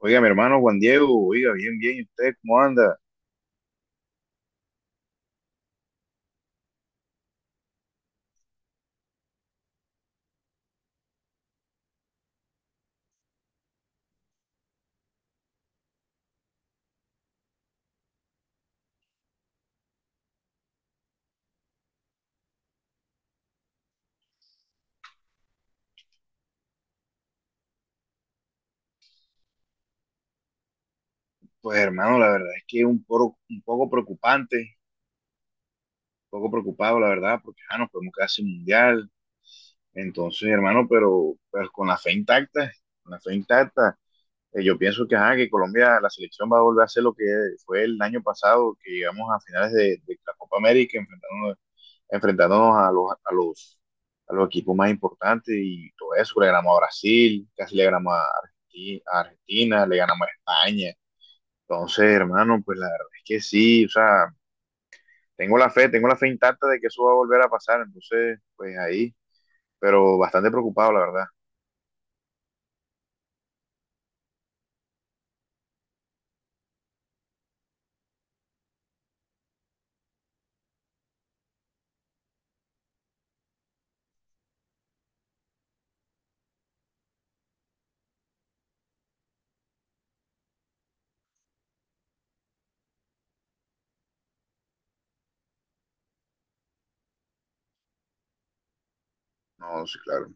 Oiga, mi hermano Juan Diego, oiga, bien, bien, ¿y usted cómo anda? Pues, hermano, la verdad es que es un poco preocupante, un poco preocupado, la verdad, porque ya nos podemos quedar sin mundial. Entonces, hermano, pero pues con la fe intacta, con la fe intacta, yo pienso ajá, que Colombia, la selección va a volver a hacer lo que fue el año pasado, que llegamos a finales de la Copa América, enfrentándonos a los, equipos más importantes y todo eso. Le ganamos a Brasil, casi le ganamos a Argentina, le ganamos a España. Entonces, hermano, pues la verdad es que sí, o sea, tengo la fe intacta de que eso va a volver a pasar. Entonces, pues ahí, pero bastante preocupado, la verdad. No, sí, claro.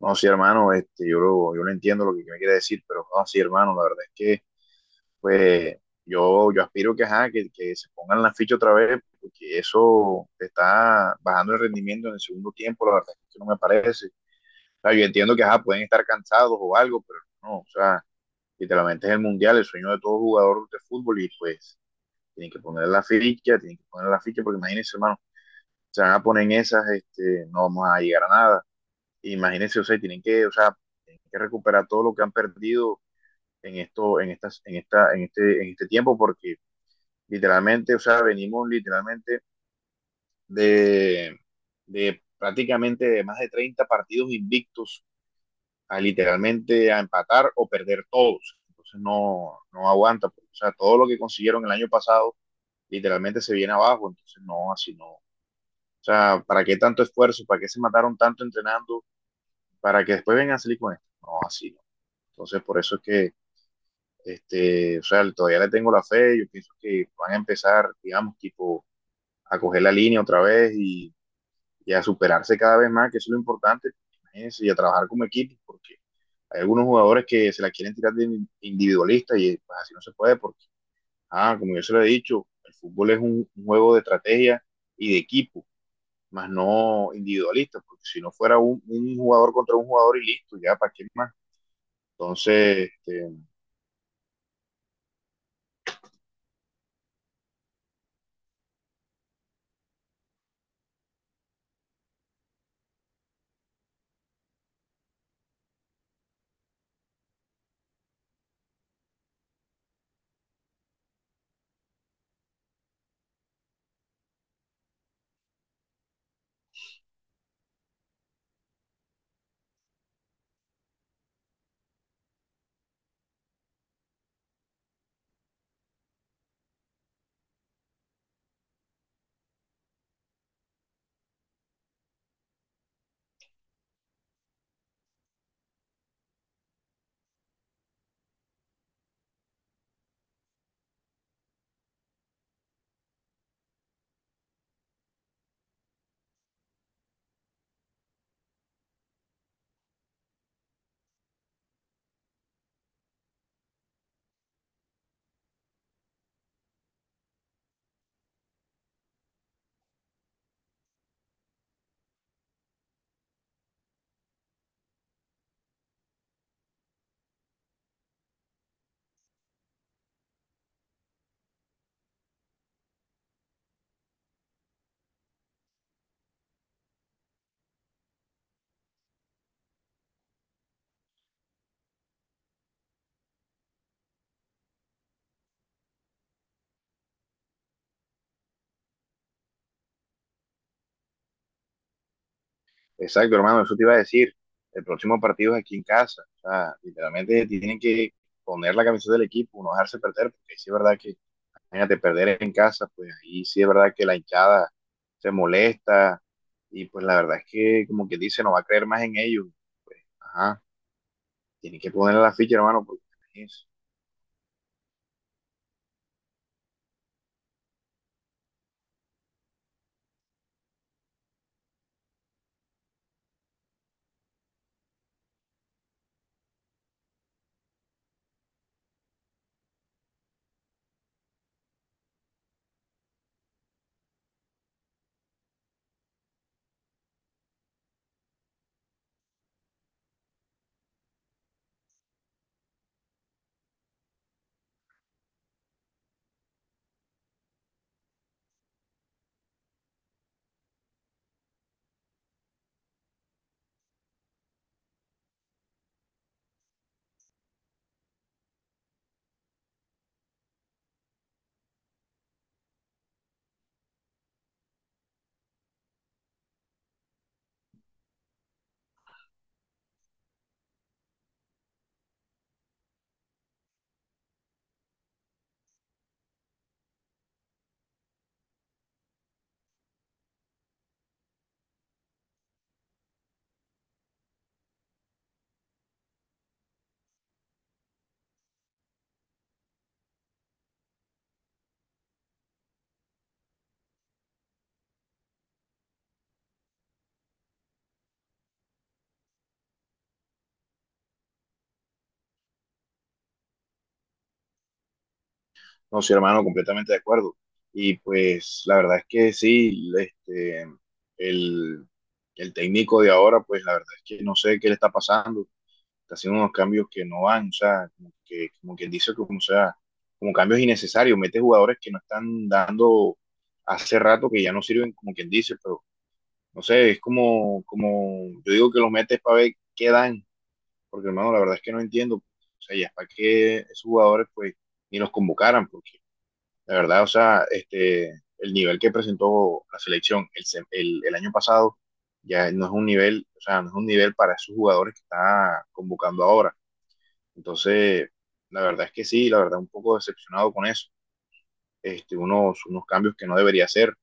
No, sí, hermano, yo lo entiendo lo que me quiere decir, pero no, sí, hermano, la verdad es que pues yo aspiro que, ajá, que se pongan la ficha otra vez, porque eso te está bajando el rendimiento en el segundo tiempo, la verdad es que no me parece. O sea, yo entiendo que ajá, pueden estar cansados o algo, pero no, o sea, literalmente es el mundial, el sueño de todo jugador de fútbol y pues tienen que poner la ficha, tienen que poner la ficha, porque imagínense, hermano, se van a poner en esas, no vamos a llegar a nada. Imagínense, o sea, tienen que, o sea, tienen que recuperar todo lo que han perdido en esto, en estas, en esta, en este tiempo, porque literalmente, o sea, venimos literalmente de, de prácticamente de más de 30 partidos invictos a literalmente a empatar o perder todos. Entonces no, no aguanta pues. O sea, todo lo que consiguieron el año pasado literalmente se viene abajo. Entonces no, así no. O sea, ¿para qué tanto esfuerzo? ¿Para qué se mataron tanto entrenando? Para que después vengan a salir con esto. No, así no. Entonces, por eso es que, o sea, todavía le tengo la fe. Yo pienso que van a empezar, digamos, tipo, a coger la línea otra vez y a superarse cada vez más, que eso es lo importante, y a trabajar como equipo, porque hay algunos jugadores que se la quieren tirar de individualista y pues así no se puede, porque, ah, como yo se lo he dicho, el fútbol es un juego de estrategia y de equipo, más no individualista, porque si no fuera un jugador contra un jugador y listo, ya, ¿para qué más? Entonces, exacto, hermano, eso te iba a decir. El próximo partido es aquí en casa. O sea, literalmente tienen que poner la camiseta del equipo, no dejarse perder, porque sí es verdad que imagínate perder en casa, pues ahí sí es verdad que la hinchada se molesta y pues la verdad es que como que dice, no va a creer más en ellos. Pues, ajá, tienen que ponerle la ficha, hermano, porque es- no, sí, hermano, completamente de acuerdo. Y pues la verdad es que sí, el, el técnico de ahora, pues la verdad es que no sé qué le está pasando. Está haciendo unos cambios que no van, o sea, como, que, como quien dice, como, o sea, como cambios innecesarios, mete jugadores que no están dando hace rato que ya no sirven, como quien dice, pero no sé, es como, como yo digo que los metes para ver qué dan, porque hermano, la verdad es que no entiendo, o sea, ya es para que esos jugadores pues ni los convocaran, porque la verdad, o sea, el nivel que presentó la selección el año pasado ya no es un nivel, o sea, no es un nivel para esos jugadores que está convocando ahora. Entonces, la verdad es que sí, la verdad un poco decepcionado con eso. Unos cambios que no debería hacer.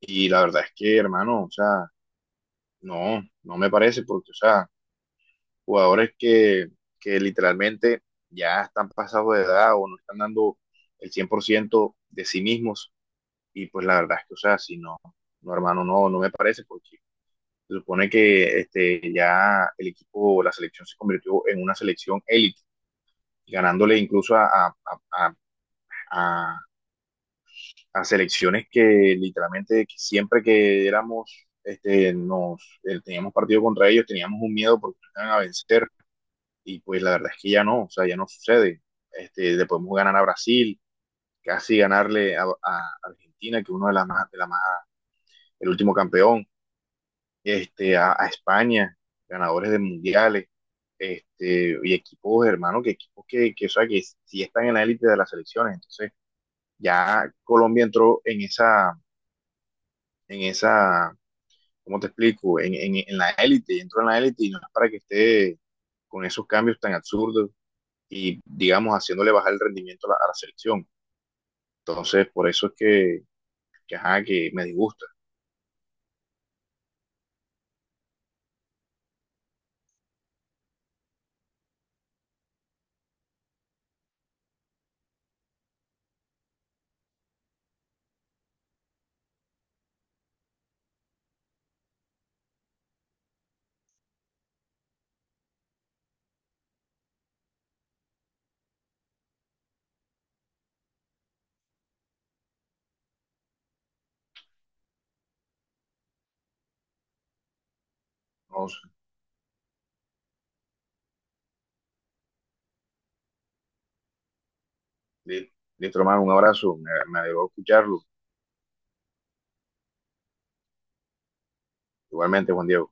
Y la verdad es que, hermano, o sea, no, no me parece porque, o sea, jugadores que literalmente ya están pasados de edad o no están dando el 100% de sí mismos. Y pues la verdad es que, o sea, si no, no, hermano, no, no me parece porque se supone que ya el equipo, la selección se convirtió en una selección élite, ganándole incluso a, a a selecciones que literalmente que siempre que éramos, nos teníamos partido contra ellos, teníamos un miedo porque nos iban a vencer y pues la verdad es que ya no, o sea, ya no sucede. Le podemos ganar a Brasil, casi ganarle a Argentina, que uno de las más, de la más, el último campeón, a España, ganadores de mundiales, y equipos, hermano, que equipos que, o sea, que sí están en la élite de las selecciones. Entonces, ya Colombia entró en esa ¿cómo te explico? En la élite, y entró en la élite y no es para que esté con esos cambios tan absurdos y, digamos, haciéndole bajar el rendimiento a la selección. Entonces, por eso es que, ajá, que me disgusta. ¿No? li- Listo, hermano, un abrazo, me alegró escucharlo. Igualmente, Juan Diego.